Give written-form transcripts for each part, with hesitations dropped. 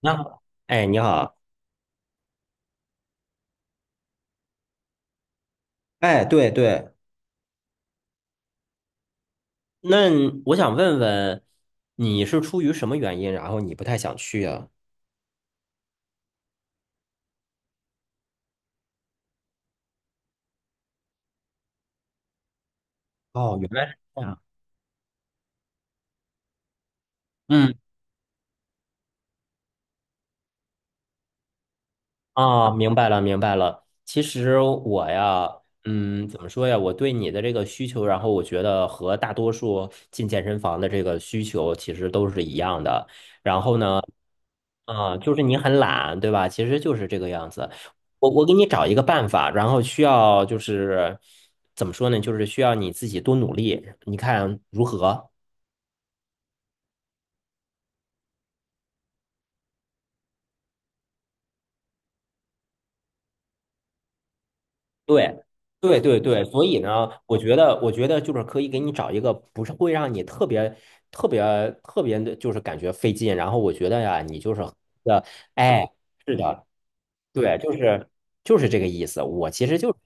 那好，哎，你好，哎，对对，那我想问问，你是出于什么原因，然后你不太想去啊？哦，原来是这样。嗯。啊，明白了，明白了。其实我呀，嗯，怎么说呀？我对你的这个需求，然后我觉得和大多数进健身房的这个需求其实都是一样的。然后呢，啊，就是你很懒，对吧？其实就是这个样子。我给你找一个办法，然后需要就是怎么说呢？就是需要你自己多努力，你看如何？对，对对对，所以呢，我觉得，我觉得就是可以给你找一个不是会让你特别、特别、特别的，就是感觉费劲。然后我觉得呀，你就是的，哎，是的，对，就是这个意思。我其实就是，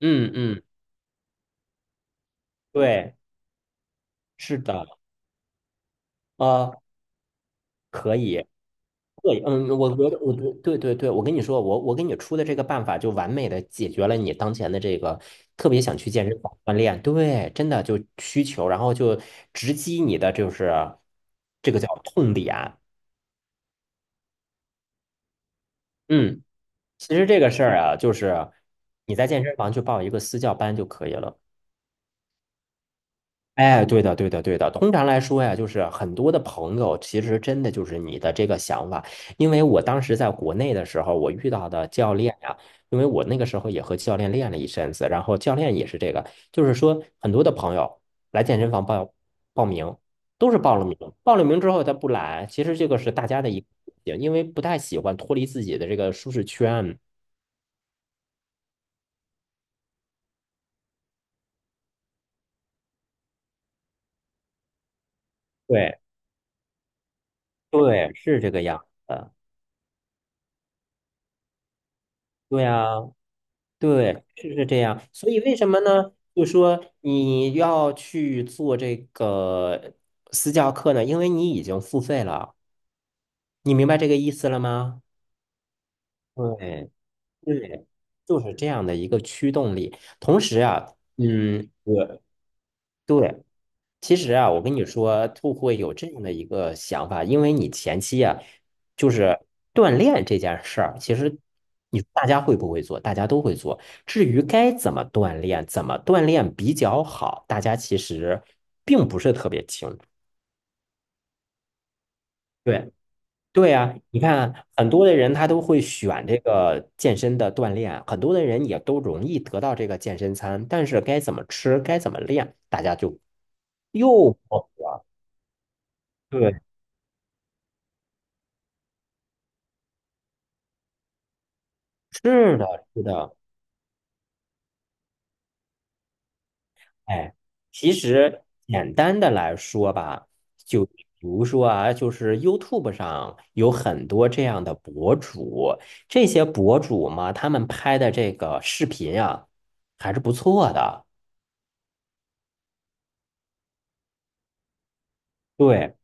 嗯嗯，对，是的，呃，可以。对，嗯，我觉得，我觉得对对对，我跟你说，我给你出的这个办法，就完美的解决了你当前的这个特别想去健身房锻炼，对，真的就需求，然后就直击你的就是这个叫痛点。嗯，其实这个事儿啊，就是你在健身房去报一个私教班就可以了。哎，对的，对的，对的。通常来说呀，就是很多的朋友，其实真的就是你的这个想法。因为我当时在国内的时候，我遇到的教练呀，因为我那个时候也和教练练了一阵子，然后教练也是这个，就是说很多的朋友来健身房报名，都是报了名，报了名之后他不来，其实这个是大家的一个，因为不太喜欢脱离自己的这个舒适圈。对，对，是这个样子。对呀，对，是是这样。所以为什么呢？就说你要去做这个私教课呢？因为你已经付费了，你明白这个意思了吗？对对，就是这样的一个驱动力。同时啊，嗯，对对，其实啊，我跟你说，兔会有这样的一个想法，因为你前期啊，就是锻炼这件事儿，其实你大家会不会做，大家都会做。至于该怎么锻炼，怎么锻炼比较好，大家其实并不是特别清楚。对对啊，你看很多的人他都会选这个健身的锻炼，很多的人也都容易得到这个健身餐，但是该怎么吃，该怎么练，大家就又不对，是的，是的。哎，其实简单的来说吧，就比如说啊，就是 YouTube 上有很多这样的博主，这些博主嘛，他们拍的这个视频啊，还是不错的。对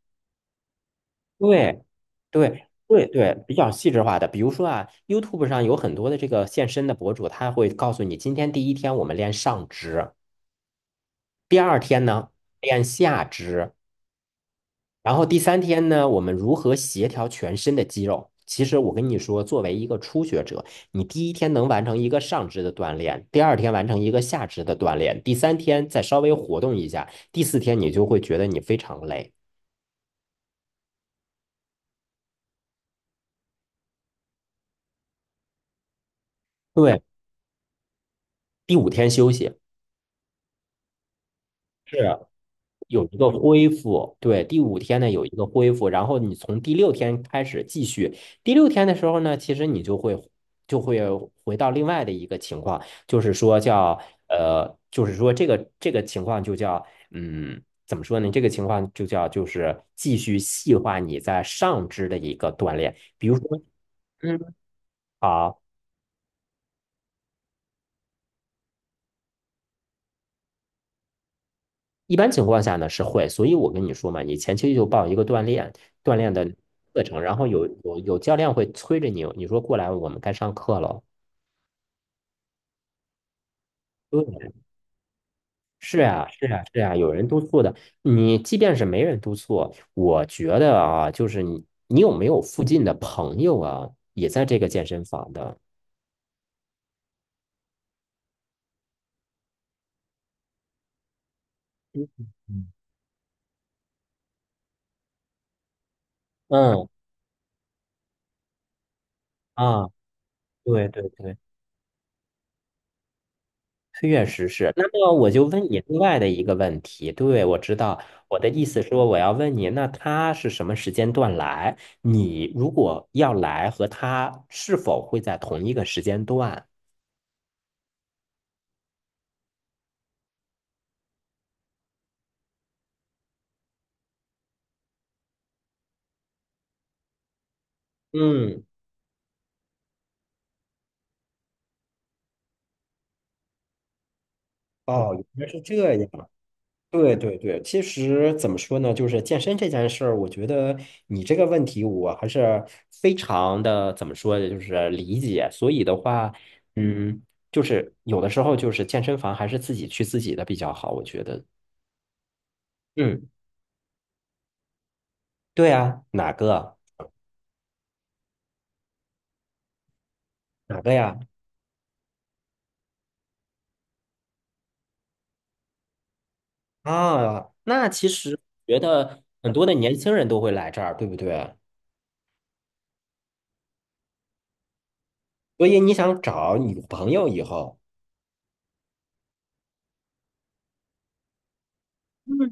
对对对对，比较细致化的。比如说啊，YouTube 上有很多的这个健身的博主，他会告诉你，今天第一天我们练上肢，第二天呢练下肢，然后第三天呢，我们如何协调全身的肌肉？其实我跟你说，作为一个初学者，你第一天能完成一个上肢的锻炼，第二天完成一个下肢的锻炼，第三天再稍微活动一下，第四天你就会觉得你非常累。对，第五天休息。是。有一个恢复，对，第五天呢有一个恢复，然后你从第六天开始继续。第六天的时候呢，其实你就会就会回到另外的一个情况，就是说叫呃，就是说这个情况就叫嗯，怎么说呢？这个情况就叫就是继续细化你在上肢的一个锻炼，比如说嗯。好。一般情况下呢是会，所以我跟你说嘛，你前期就报一个锻炼的课程，然后有教练会催着你，你说过来，我们该上课了。对，是呀，是呀，是呀，有人督促的。你即便是没人督促，我觉得啊，就是你有没有附近的朋友啊，也在这个健身房的？嗯嗯嗯啊，对对对。确实是。那么我就问你另外的一个问题，对，我知道，我的意思说我要问你，那他是什么时间段来？你如果要来和他是否会在同一个时间段？嗯，哦，原来是这样。对对对，其实怎么说呢，就是健身这件事儿，我觉得你这个问题我还是非常的怎么说呢，就是理解。所以的话，嗯，就是有的时候就是健身房还是自己去自己的比较好，我觉得。嗯，对啊，哪个呀？啊，那其实觉得很多的年轻人都会来这儿，对不对？所以你想找女朋友以后，嗯，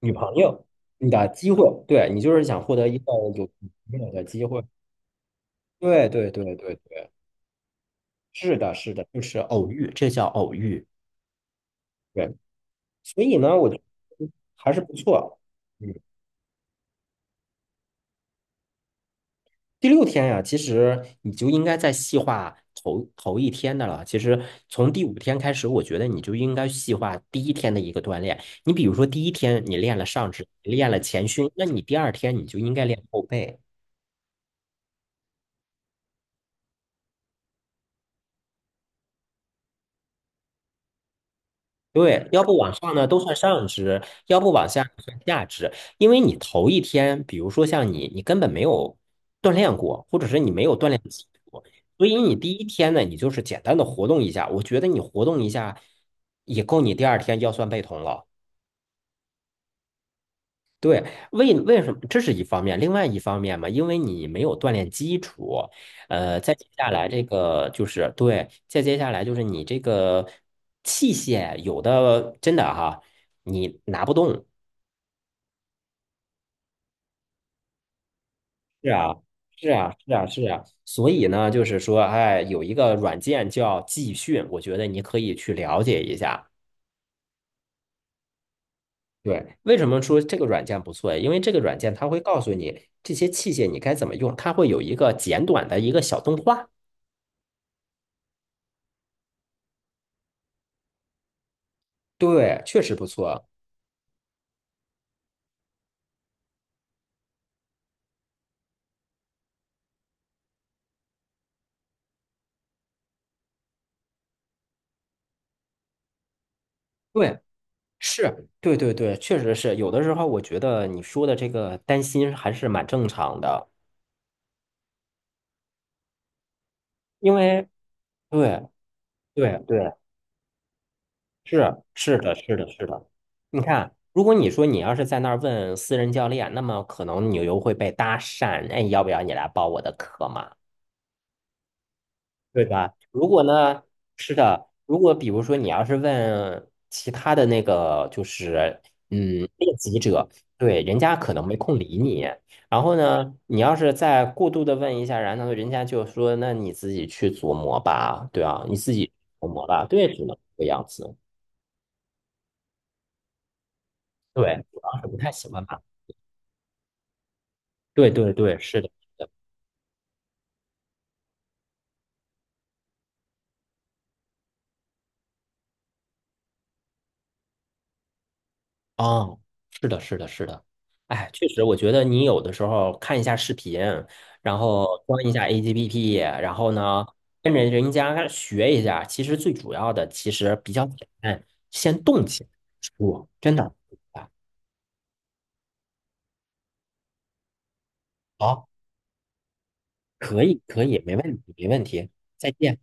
女朋友，你的机会，对，你就是想获得一个有女朋友的机会。对对对对对，是的，是的，就是偶遇，这叫偶遇。对，所以呢，我觉得还是不错。嗯。第六天呀，其实你就应该再细化头一天的了。其实从第五天开始，我觉得你就应该细化第一天的一个锻炼。你比如说，第一天你练了上肢，练了前胸，那你第二天你就应该练后背。对，要不往上呢都算上肢，要不往下就算下肢，因为你头一天，比如说像你，你根本没有锻炼过，或者是你没有锻炼过，所以你第一天呢，你就是简单的活动一下，我觉得你活动一下也够你第二天腰酸背痛了。对，为什么？这是一方面，另外一方面嘛，因为你没有锻炼基础，呃，再接下来这个就是对，再接下来就是你这个器械有的真的哈，你拿不动。是啊，是啊，是啊，是啊。所以呢，就是说，哎，有一个软件叫技训，我觉得你可以去了解一下。对，为什么说这个软件不错？因为这个软件它会告诉你这些器械你该怎么用，它会有一个简短的一个小动画。对，确实不错。对，是，对对对，确实是。有的时候我觉得你说的这个担心还是蛮正常的，因为对对对，是是的，是的，是的。你看，如果你说你要是在那儿问私人教练，那么可能你又会被搭讪，哎，要不要你来报我的课嘛？对吧？如果呢，是的，如果比如说你要是问其他的那个，就是嗯，练习者，对，人家可能没空理你。然后呢，你要是再过度的问一下，然后人家就说，那你自己去琢磨吧，对啊，你自己琢磨吧，对，只能这个样子。对，主要是不太喜欢他。对对对，是的。哦，是的，是的，是的，哎，确实，我觉得你有的时候看一下视频，然后装一下 APP，G P P，然后呢，跟着人家学一下，其实最主要的其实比较简单，先动起来我真的。啊好，可以，可以，没问题，没问题，再见。